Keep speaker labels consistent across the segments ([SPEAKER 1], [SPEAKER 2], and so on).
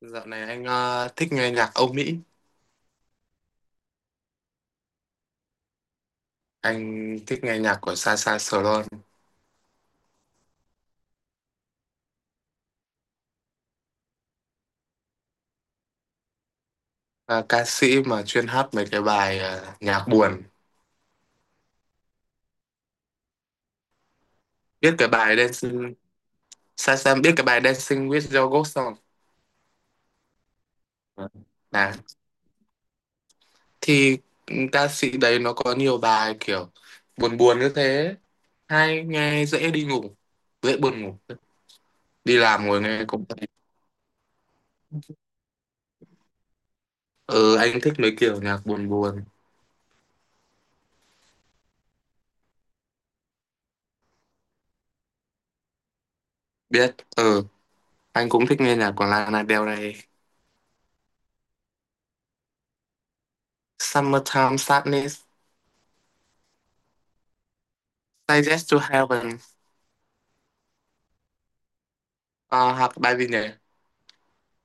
[SPEAKER 1] Dạo này anh thích nghe nhạc Âu Mỹ, anh thích nghe nhạc của Sasha Sloan, ờ, ca sĩ mà chuyên hát mấy cái bài nhạc buồn. Biết cái bài Dancing, Sasha biết cái bài Dancing with Your Ghost không? Ờ. Đấy. Thì ca sĩ đấy nó có nhiều bài kiểu buồn buồn như thế, hay nghe dễ đi ngủ, dễ buồn ngủ. Đi làm ngồi nghe cũng thấy. Ừ, anh thích mấy kiểu nhạc buồn buồn. Biết, ừ, anh cũng thích nghe nhạc của Lana Del Rey. Summertime Sadness. Digest to Heaven. Ờ, hoặc bài gì nhỉ,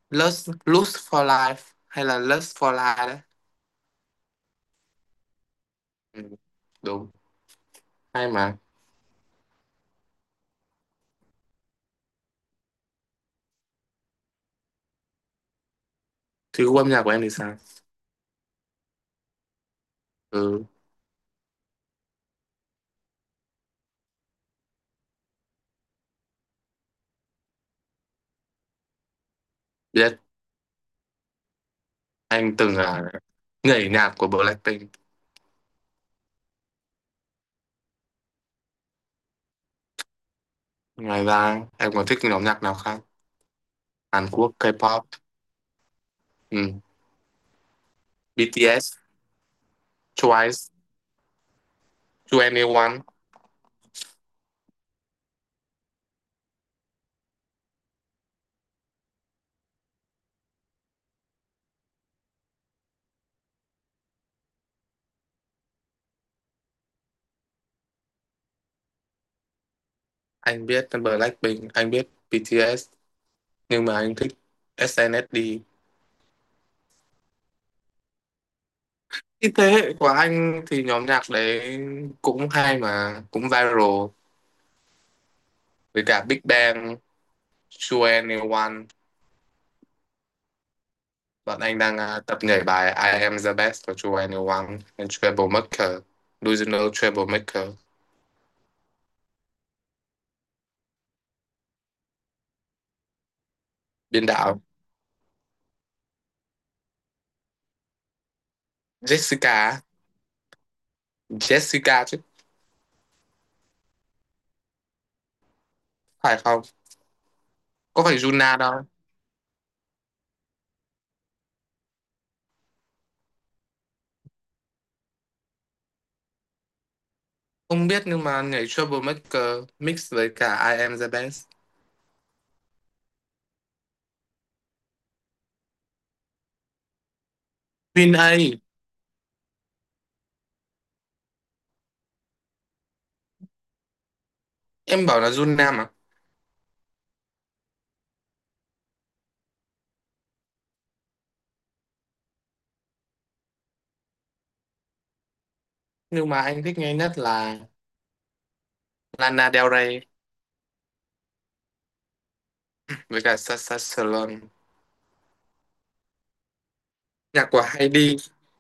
[SPEAKER 1] Lust for Life hay là Lust for Life đấy. Ừ, đúng, hay mà. Thì gu âm nhạc của em thì sao? Ừ, biết. Anh từng nhảy nhạc của Blackpink. Ngoài ra em còn thích nhóm nhạc nào khác? Hàn Quốc, K-pop. Ừ. BTS, Twice, 2NE1. Anh biết Blackpink, anh biết BTS, nhưng mà anh thích SNSD. Cái thế hệ của anh thì nhóm nhạc đấy cũng hay mà cũng viral, với cả Big Bang, True Anyone. Bọn anh đang tập nhảy bài I Am The Best của True Anyone and Troublemaker, Delusional Troublemaker. Biên đạo Jessica, Jessica chứ, phải không? Có phải Juna đâu? Không biết, nhưng mà nhảy Troublemaker mix với cả I Am The Best. Queen A, em bảo là Juna mà. Nhưng mà anh thích nghe nhất là Lana Del Rey với cả Sasha Sloan. Nhạc của Heidi,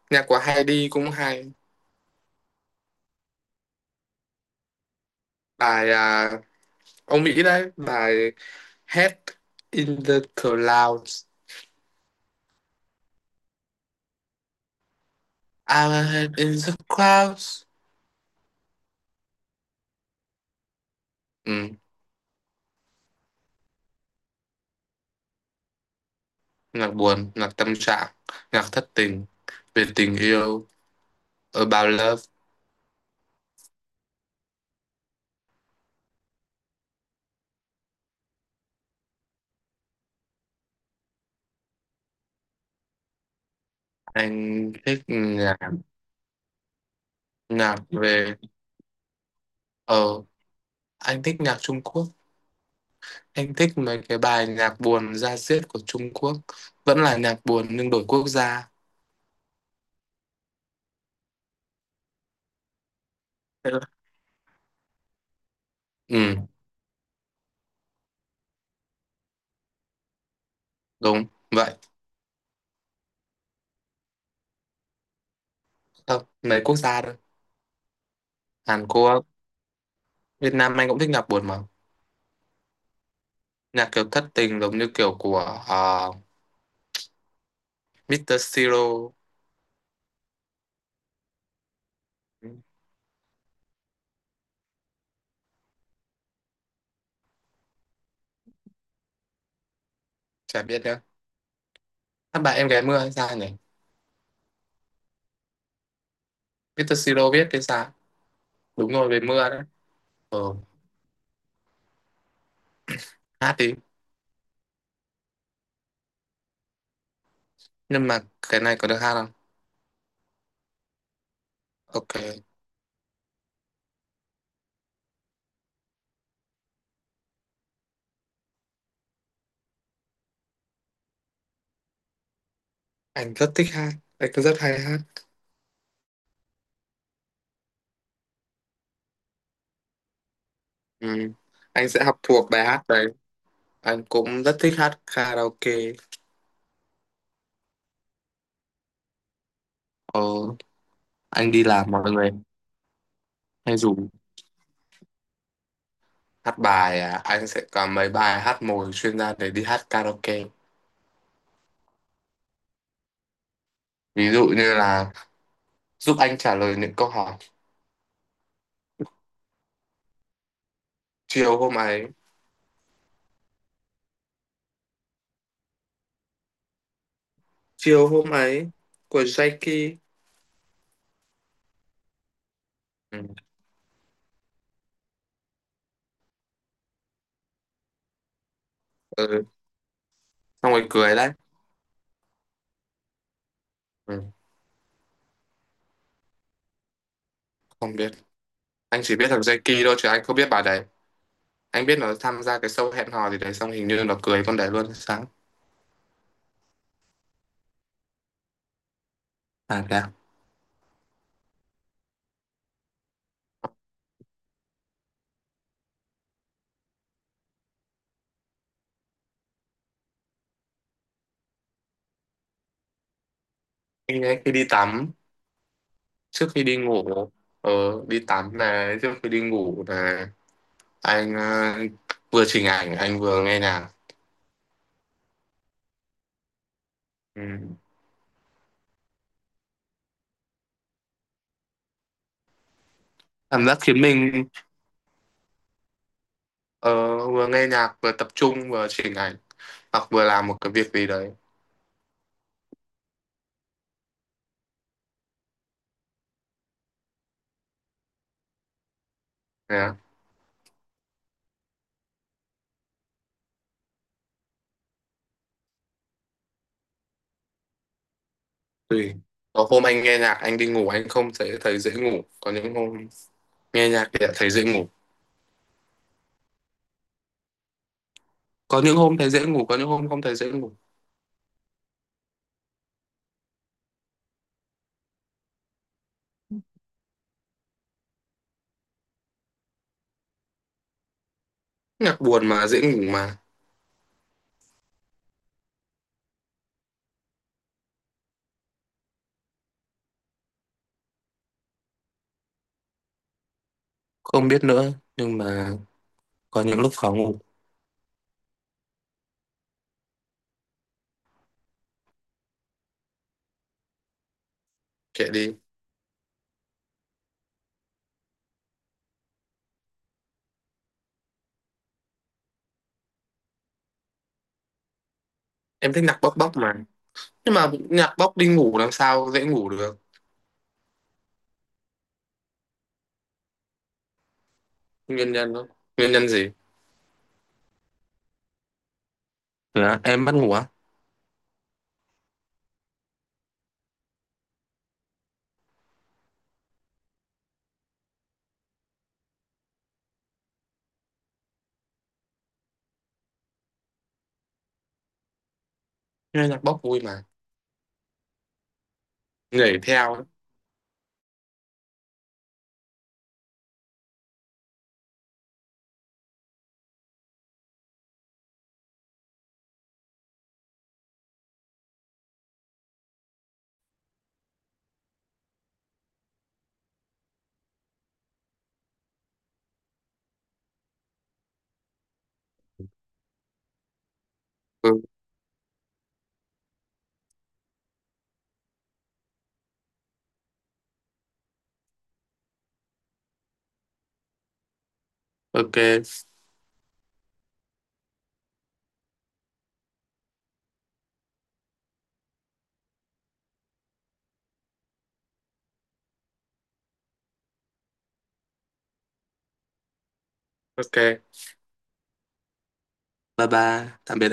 [SPEAKER 1] nhạc của Heidi cũng hay. Bài ông Mỹ đấy, bài Head in the Clouds. I'm head in the clouds. Ừ, nhạc buồn, nhạc tâm trạng, nhạc thất tình, về tình yêu, about love. Anh thích nhạc, nhạc về, ờ, anh thích nhạc Trung Quốc, anh thích mấy cái bài nhạc buồn da diết của Trung Quốc. Vẫn là nhạc buồn nhưng đổi quốc gia. Ừ, đúng vậy. Không, mấy quốc gia thôi. Hàn Quốc. Việt Nam anh cũng thích nhạc buồn mà, nhạc kiểu thất tình giống như kiểu của uh, Mr. Siro. Ừ, chả biết nữa, hát bài em gái mưa hay sao nhỉ? Mr. Siro viết hay sao? Đúng rồi, về mưa đấy. Ờ, hát đi. Nhưng mà cái này có được hát không? Ok. Anh rất thích hát, anh cũng rất hay hát. Ừ. Anh sẽ học thuộc bài hát đấy, anh cũng rất thích hát karaoke. Ờ. Anh đi làm mọi người hay dùng hát bài. Anh sẽ có mấy bài hát mồi chuyên gia để đi hát karaoke. Ví dụ như là giúp anh trả lời những câu hỏi, chiều hôm ấy. Chiều hôm ấy của Jacky. Ừ. Ừ, xong rồi cười đấy. Ừ. Không biết. Anh chỉ biết thằng Jacky thôi chứ anh không biết bà đấy. Anh biết nó tham gia cái show hẹn hò gì đấy, xong hình như nó cưới con đấy luôn sáng. À kìa. Anh ấy khi đi tắm, trước khi đi ngủ. Ờ, đi tắm này, trước khi đi ngủ này. Anh vừa chỉnh ảnh anh vừa nghe nhạc. Ừ. Cảm giác khiến mình, ờ, vừa nghe nhạc vừa tập trung vừa chỉnh ảnh, hoặc vừa làm một cái việc gì đấy. Thế á. Tùy, có hôm anh nghe nhạc anh đi ngủ anh không thấy thấy dễ ngủ, có những hôm nghe nhạc thì lại thấy dễ ngủ. Có những hôm thấy dễ ngủ, có những hôm không thấy dễ ngủ. Nhạc buồn mà dễ ngủ mà. Không biết nữa nhưng mà có những lúc khó ngủ. Kệ đi. Em thích nhạc bốc bốc mà, nhưng mà nhạc bốc đi ngủ làm sao dễ ngủ được. Nguyên nhân đó. Nguyên nhân gì? Dạ, em bắt ngủ á. Nghe nhạc bốc vui mà, nhảy theo ấy. Ừ. Ok. Ok. Bye bye, tạm biệt.